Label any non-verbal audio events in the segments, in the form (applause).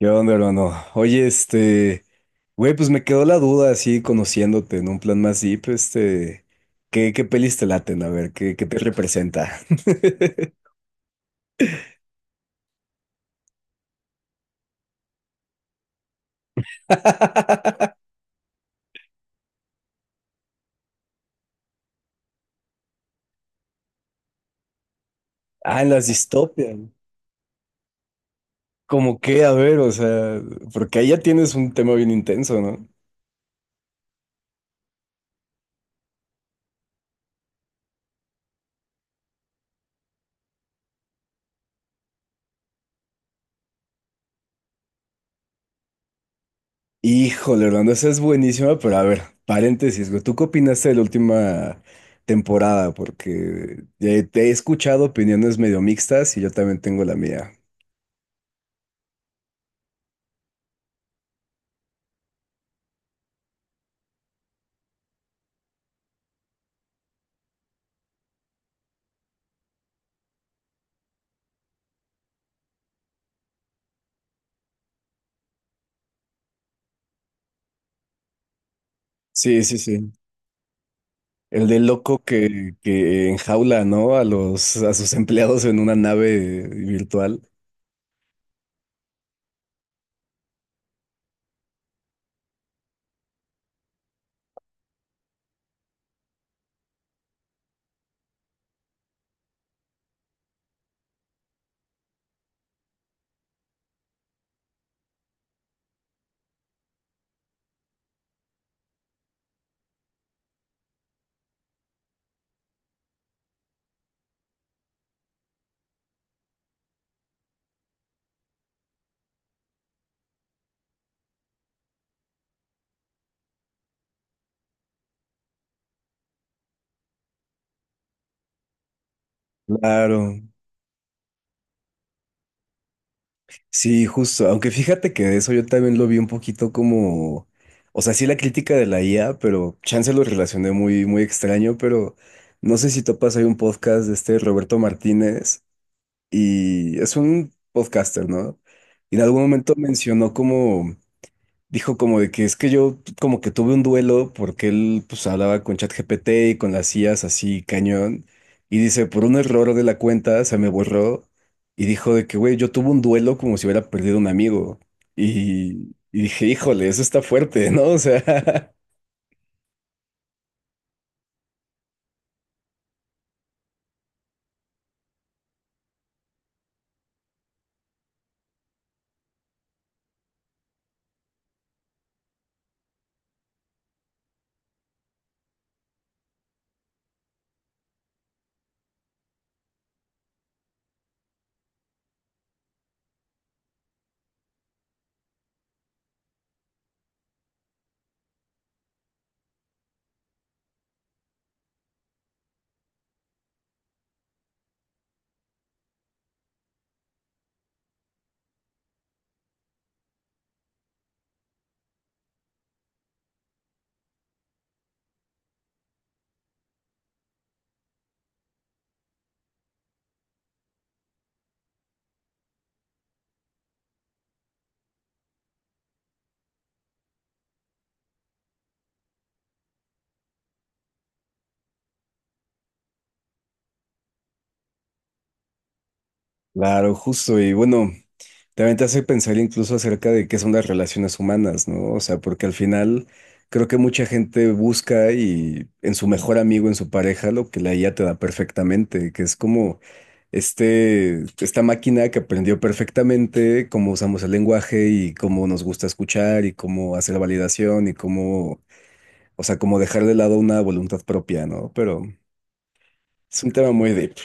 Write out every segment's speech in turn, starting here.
¿Qué onda, hermano? Oye, güey, pues me quedó la duda así conociéndote en un plan más deep. ¿Qué pelis te laten? A ver, ¿qué te representa? (laughs) Ah, en las distopias. ¿Cómo qué? A ver, o sea, porque ahí ya tienes un tema bien intenso, ¿no? Híjole, Orlando, esa es buenísima, pero a ver, paréntesis, güey, ¿tú qué opinaste de la última temporada? Porque te he escuchado opiniones medio mixtas y yo también tengo la mía. Sí, sí, sí. El del loco que enjaula, ¿no?, a los, a sus empleados en una nave virtual. Claro. Sí, justo. Aunque fíjate que de eso yo también lo vi un poquito como, o sea, sí la crítica de la IA, pero chance lo relacioné muy, muy extraño, pero no sé si topas, hay un podcast de este Roberto Martínez y es un podcaster, ¿no? Y en algún momento mencionó como, dijo como de que es que yo como que tuve un duelo porque él pues hablaba con ChatGPT y con las IAs así cañón, y dice por un error de la cuenta se me borró y dijo de que güey yo tuve un duelo como si hubiera perdido un amigo, y dije híjole eso está fuerte (laughs) ¿no? O sea, (laughs) claro, justo. Y bueno, también te hace pensar incluso acerca de qué son las relaciones humanas, ¿no? O sea, porque al final creo que mucha gente busca y en su mejor amigo, en su pareja, lo que la IA te da perfectamente, que es como esta máquina que aprendió perfectamente cómo usamos el lenguaje y cómo nos gusta escuchar y cómo hacer validación y cómo, o sea, como dejar de lado una voluntad propia, ¿no? Pero es un tema muy deep.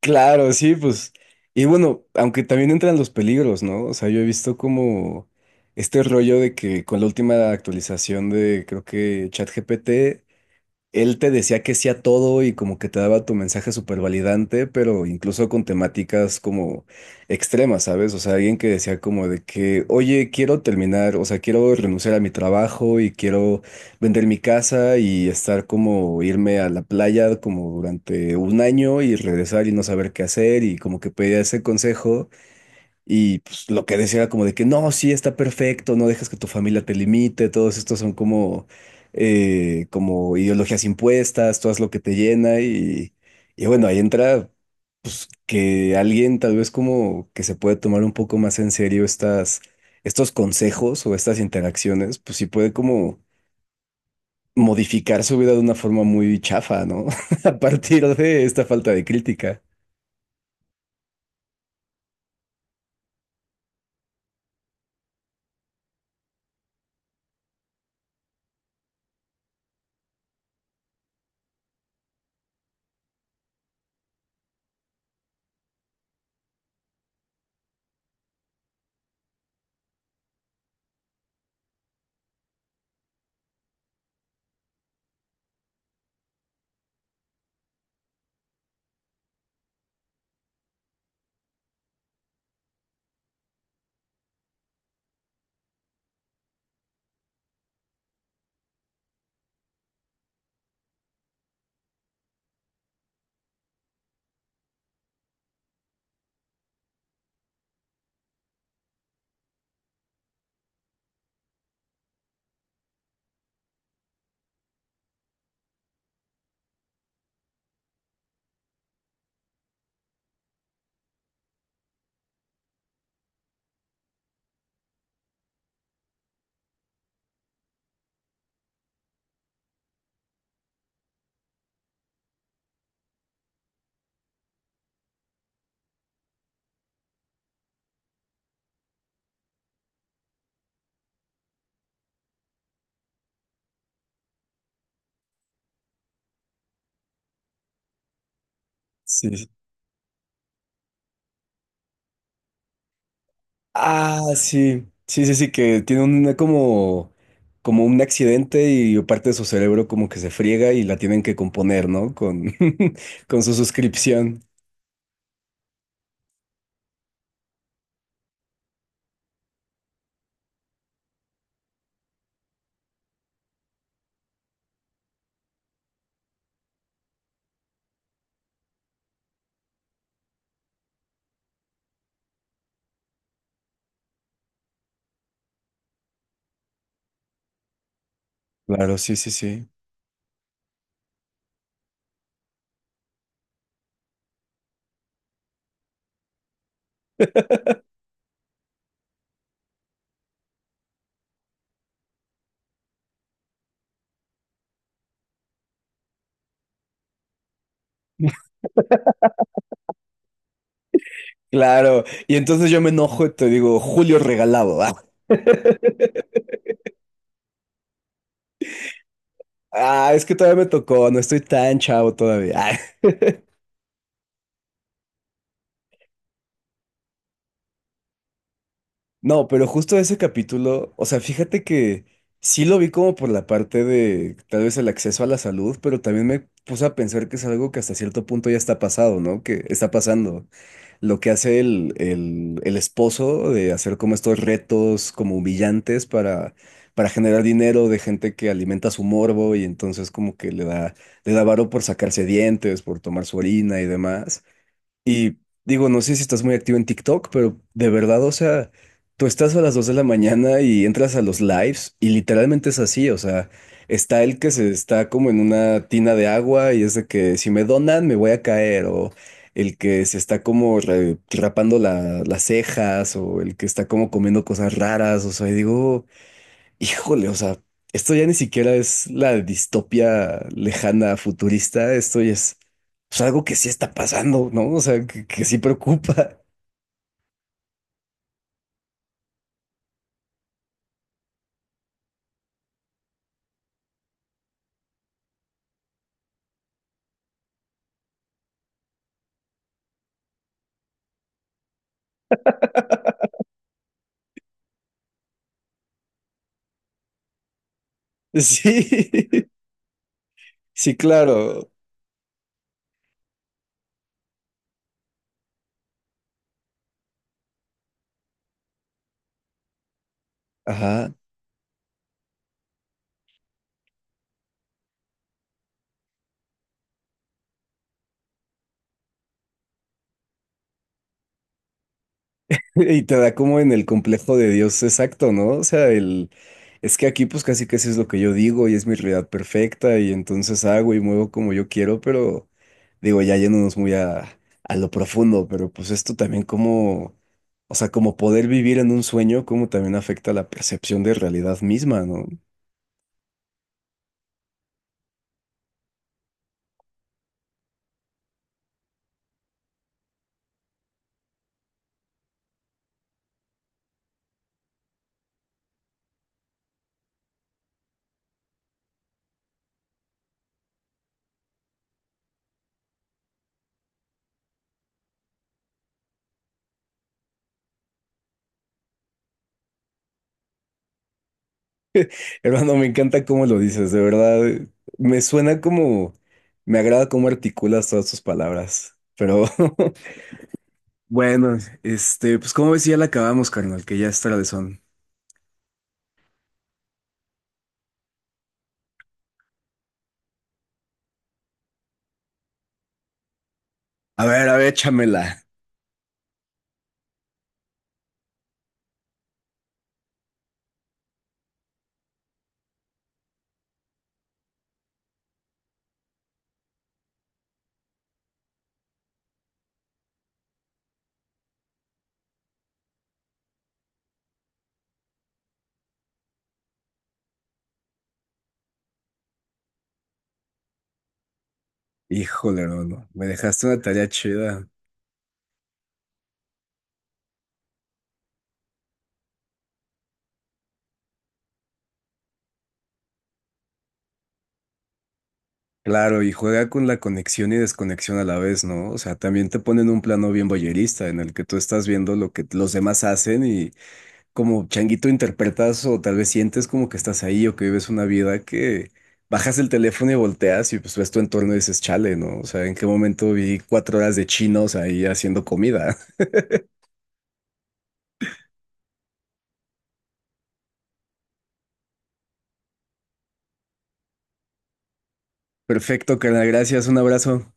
Claro, sí, pues. Y bueno, aunque también entran los peligros, ¿no? O sea, yo he visto como este rollo de que con la última actualización de, creo que ChatGPT, él te decía que sí a todo y como que te daba tu mensaje súper validante, pero incluso con temáticas como extremas, ¿sabes? O sea, alguien que decía como de que, oye, quiero terminar, o sea, quiero renunciar a mi trabajo y quiero vender mi casa y estar como irme a la playa como durante un año y regresar y no saber qué hacer y como que pedía ese consejo. Y pues lo que decía era como de que no, sí, está perfecto, no dejas que tu familia te limite, todos estos son como, como ideologías impuestas, tú haz lo que te llena, y bueno, ahí entra que alguien tal vez como que se puede tomar un poco más en serio estas, estos consejos o estas interacciones, pues sí puede como modificar su vida de una forma muy chafa, ¿no? (laughs) A partir de esta falta de crítica. Sí. Ah, sí, sí, sí, sí, que tiene una como, como un accidente y parte de su cerebro como que se friega y la tienen que componer, ¿no?, con, (laughs) con su suscripción. Claro, sí, sí, sí. Claro, y entonces yo me enojo y te digo, Julio regalado. (laughs) Ah, ah, es que todavía me tocó, no estoy tan chavo todavía. No, pero justo ese capítulo, o sea, fíjate que sí lo vi como por la parte de tal vez el acceso a la salud, pero también me puse a pensar que es algo que hasta cierto punto ya está pasado, ¿no? Que está pasando. Lo que hace el esposo de hacer como estos retos como humillantes para generar dinero de gente que alimenta su morbo y entonces como que le da varo por sacarse dientes, por tomar su orina y demás. Y digo, no sé si estás muy activo en TikTok, pero de verdad, o sea, tú estás a las 2 de la mañana y entras a los lives y literalmente es así, o sea, está el que se está como en una tina de agua y es de que si me donan me voy a caer, o el que se está como re- rapando la- las cejas, o el que está como comiendo cosas raras, o sea, y digo... Híjole, o sea, esto ya ni siquiera es la distopia lejana futurista, esto ya es pues, algo que sí está pasando, ¿no? O sea, que sí preocupa. (laughs) Sí, sí, claro. Ajá. Y te da como en el complejo de Dios exacto, ¿no? O sea, el es que aquí pues casi casi es lo que yo digo y es mi realidad perfecta y entonces hago y muevo como yo quiero, pero digo, ya yéndonos muy a lo profundo, pero pues esto también como, o sea, como poder vivir en un sueño, como también afecta la percepción de realidad misma, ¿no? (laughs) Hermano, me encanta cómo lo dices, de verdad, me suena como, me agrada cómo articulas todas tus palabras, pero... (laughs) Bueno, pues como ves, si ya la acabamos, carnal, que ya es son. A ver, échamela. Híjole, no, no, me dejaste una tarea chida. Claro, y juega con la conexión y desconexión a la vez, ¿no? O sea, también te ponen un plano bien voyerista en el que tú estás viendo lo que los demás hacen y como changuito interpretas o tal vez sientes como que estás ahí o que vives una vida que bajas el teléfono y volteas y pues ves tu entorno y dices, chale, ¿no? O sea, ¿en qué momento vi 4 horas de chinos ahí haciendo comida? Perfecto, carnal, gracias, un abrazo.